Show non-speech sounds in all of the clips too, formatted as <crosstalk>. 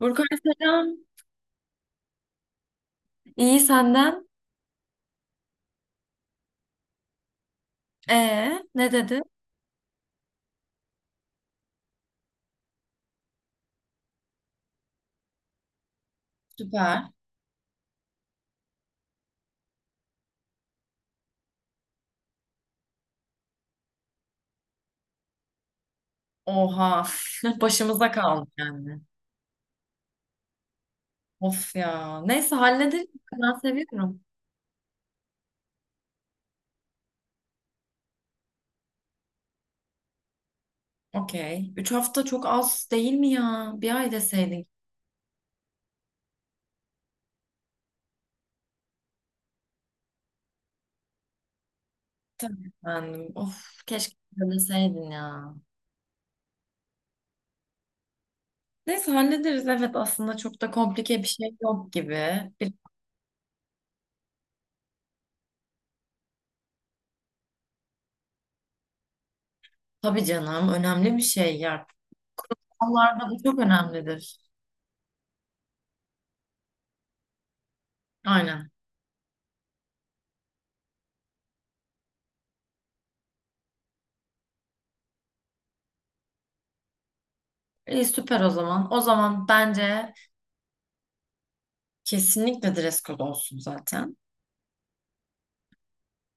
Burkay selam. İyi senden. Ne dedi? Süper. Oha. <laughs> Başımıza kaldı yani. Of ya. Neyse hallederiz. Ben seviyorum. Okey. Üç hafta çok az değil mi ya? Bir ay deseydin. Tabii efendim. Of keşke böyle deseydin ya. Neyse hallederiz. Evet aslında çok da komplike bir şey yok gibi. Bir, tabii canım önemli bir şey ya. Kurumsallarda bu çok önemlidir. Aynen. İyi süper o zaman. O zaman bence kesinlikle dress code olsun zaten.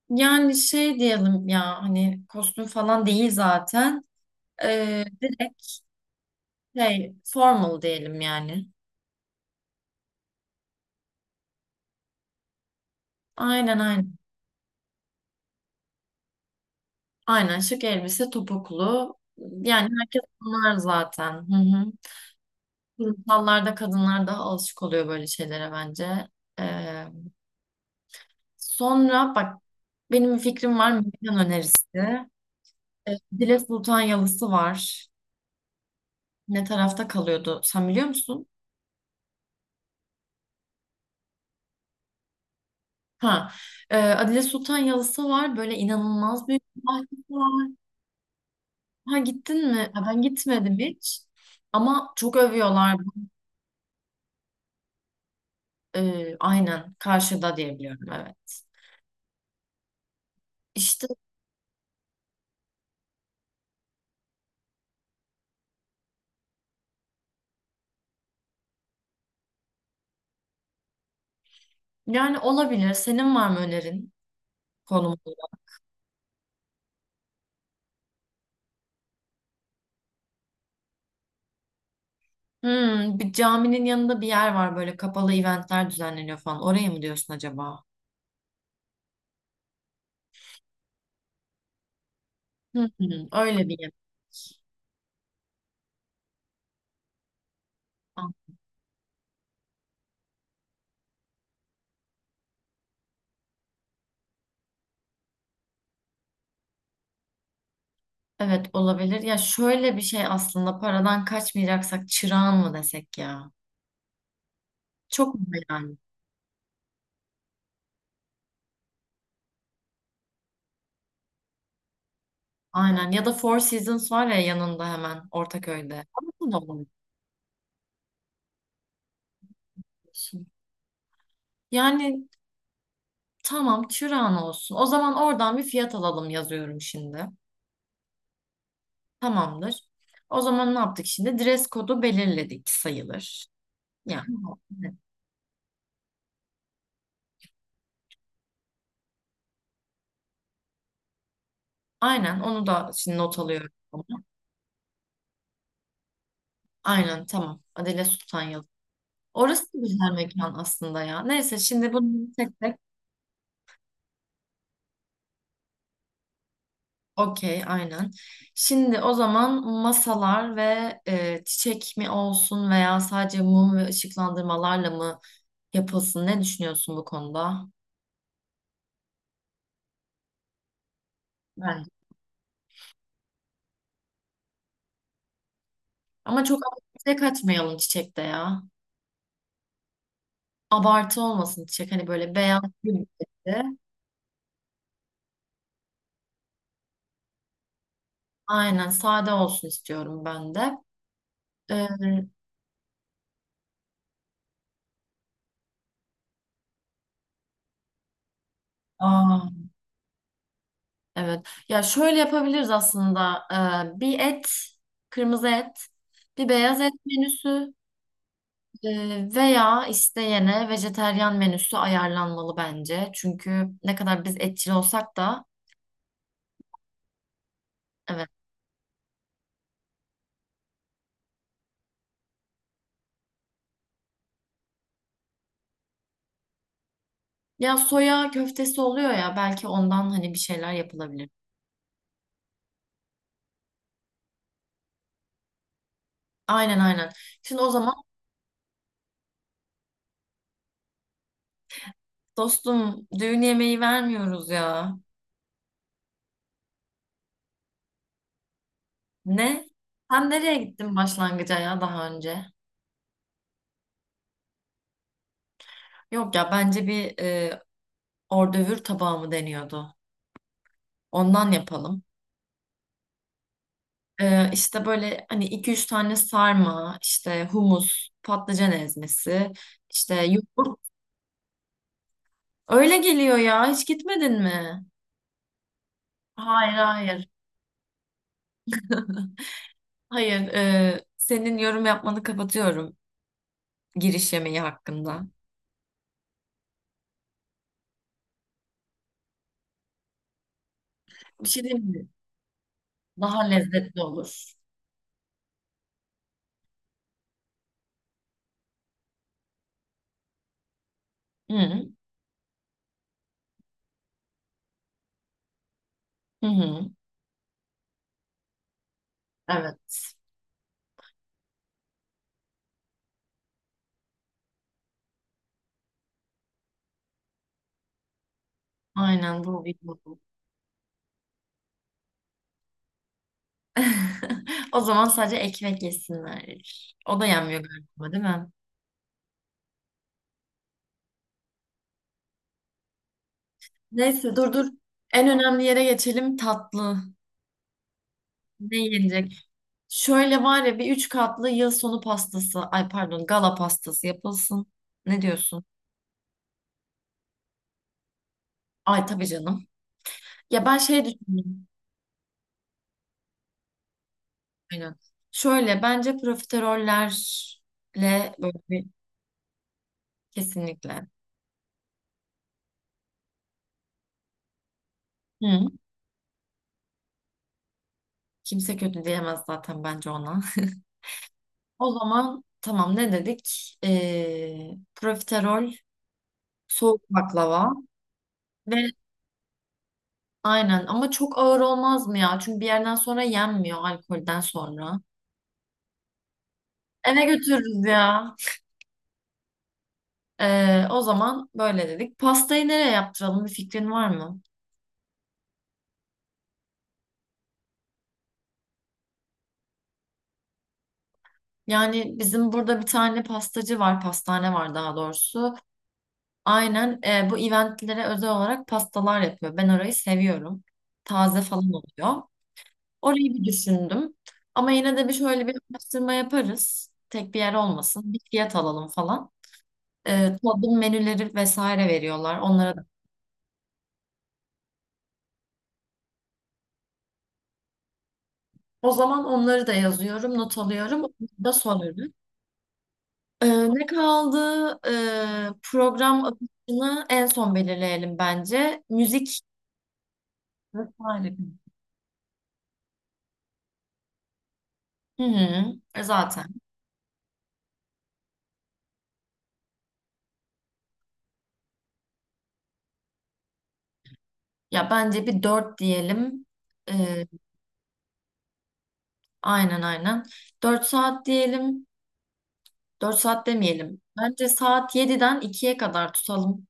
Yani şey diyelim ya hani kostüm falan değil zaten. Direkt formal diyelim yani. Aynen aynen. Aynen şık elbise topuklu. Yani herkes bunlar zaten. Hı hı. Kurumsallarda kadınlar daha alışık oluyor böyle şeylere bence. Ee, Sonra bak benim bir fikrim var mekan önerisi. Ee, Dile Sultan Yalısı var. Ne tarafta kalıyordu? Sen biliyor musun? Ha, Adile Sultan Yalısı var. Böyle inanılmaz büyük bir bahçesi var. Ha gittin mi? Ha, ben gitmedim hiç. Ama çok övüyorlar. E, aynen karşıda diyebiliyorum evet. İşte yani olabilir. Senin var mı önerin konumda? Hmm, bir caminin yanında bir yer var böyle kapalı eventler düzenleniyor falan. Oraya mı diyorsun acaba? Hı hı, öyle bir yer. Ha, evet olabilir. Ya şöyle bir şey aslında paradan kaçmayacaksak çırağan mı desek ya? Çok mu yani? Aynen ya da Four Seasons var ya yanında hemen Ortaköy'de. Orada da bulabiliyorsun. Yani tamam çırağan olsun. O zaman oradan bir fiyat alalım yazıyorum şimdi. Tamamdır. O zaman ne yaptık şimdi? Dress kodu belirledik sayılır. Yani evet. Aynen onu da şimdi not alıyorum. Aynen tamam. Adile Sultan Yıl. Orası da güzel mekan aslında ya. Neyse şimdi bunu tek tek okey, aynen. Şimdi o zaman masalar ve çiçek mi olsun veya sadece mum ve ışıklandırmalarla mı yapılsın? Ne düşünüyorsun bu konuda? Bence. Ama çok abartıya kaçmayalım çiçekte ya. Abartı olmasın çiçek. Hani böyle beyaz bir de. Aynen sade olsun istiyorum ben de. E, aa, evet. Ya şöyle yapabiliriz aslında. Bir et, kırmızı et, bir beyaz et menüsü. Veya isteyene vejeteryan menüsü ayarlanmalı bence. Çünkü ne kadar biz etçil olsak da evet. Ya soya köftesi oluyor ya belki ondan hani bir şeyler yapılabilir. Aynen aynen. Şimdi o zaman dostum düğün yemeği vermiyoruz ya. Ne? Sen nereye gittin başlangıca ya daha önce? Yok ya bence ordövür tabağı mı deniyordu? Ondan yapalım. İşte böyle hani iki üç tane sarma, işte humus, patlıcan ezmesi, işte yoğurt. Öyle geliyor ya. Hiç gitmedin mi? Hayır, hayır. Hayır. Senin yorum yapmanı kapatıyorum giriş yemeği hakkında. Bir şey diyeyim mi? Daha lezzetli olur. Hı hı. hı. Evet. Aynen bu video. Bu. <laughs> O zaman sadece ekmek yesinler. O da yenmiyor galiba, değil mi? Neyse dur dur. En önemli yere geçelim tatlı. Ne yenecek? Şöyle var ya bir üç katlı yıl sonu pastası, ay pardon gala pastası yapılsın. Ne diyorsun? Ay tabii canım. Ya ben şey düşündüm. Aynen. Şöyle bence profiterollerle böyle bir kesinlikle. Hı. Kimse kötü diyemez zaten bence ona. <laughs> O zaman tamam ne dedik? Profiterol, soğuk baklava ve aynen ama çok ağır olmaz mı ya? Çünkü bir yerden sonra yenmiyor alkolden sonra. Eve götürürüz ya. O zaman böyle dedik. Pastayı nereye yaptıralım bir fikrin var mı? Yani bizim burada bir tane pastacı var, pastane var daha doğrusu. Aynen bu eventlere özel olarak pastalar yapıyor. Ben orayı seviyorum. Taze falan oluyor. Orayı bir düşündüm. Ama yine de bir şöyle bir araştırma yaparız. Tek bir yer olmasın. Bir fiyat alalım falan. Tadım menüleri vesaire veriyorlar onlara da. O zaman onları da yazıyorum, not alıyorum. Onları da sorarız. Ee, Ne kaldı? Program akışını en son belirleyelim bence. Müzik vesaire. Hı hı, e, zaten. Ya bence bir dört diyelim. Ee, aynen. Dört saat diyelim. Dört saat demeyelim. Bence saat yediden ikiye kadar tutalım.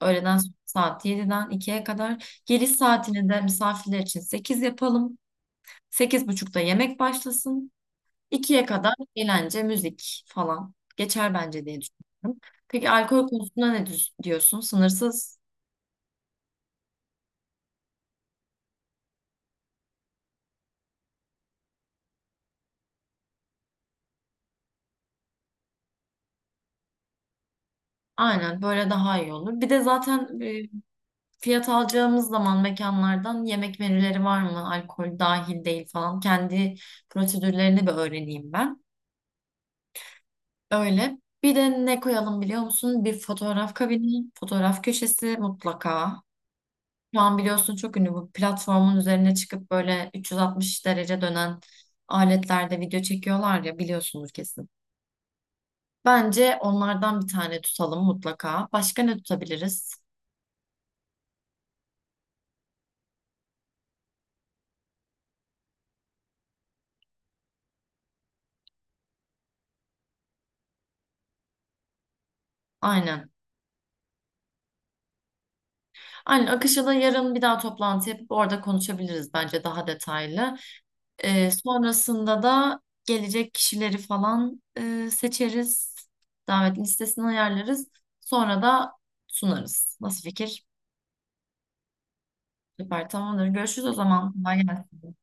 Öğleden sonra saat yediden ikiye kadar. Geliş saatini de misafirler için 8 yapalım. Sekiz buçukta yemek başlasın. İkiye kadar eğlence, müzik falan geçer bence diye düşünüyorum. Peki alkol konusunda diyorsun? Sınırsız. Aynen böyle daha iyi olur. Bir de zaten fiyat alacağımız zaman mekanlardan yemek menüleri var mı? Alkol dahil değil falan. Kendi prosedürlerini bir öğreneyim ben. Öyle. Bir de ne koyalım biliyor musun? Bir fotoğraf kabini, fotoğraf köşesi mutlaka. Şu an biliyorsun çok ünlü bu platformun üzerine çıkıp böyle 360 derece dönen aletlerde video çekiyorlar ya biliyorsunuz kesin. Bence onlardan bir tane tutalım mutlaka. Başka ne tutabiliriz? Aynen. Aynen Akış'a da yarın bir daha toplantı yapıp orada konuşabiliriz bence daha detaylı. Sonrasında da gelecek kişileri falan seçeriz. Davet listesini ayarlarız. Sonra da sunarız. Nasıl fikir? Süper tamamdır. Görüşürüz o zaman. Kolay gelsin.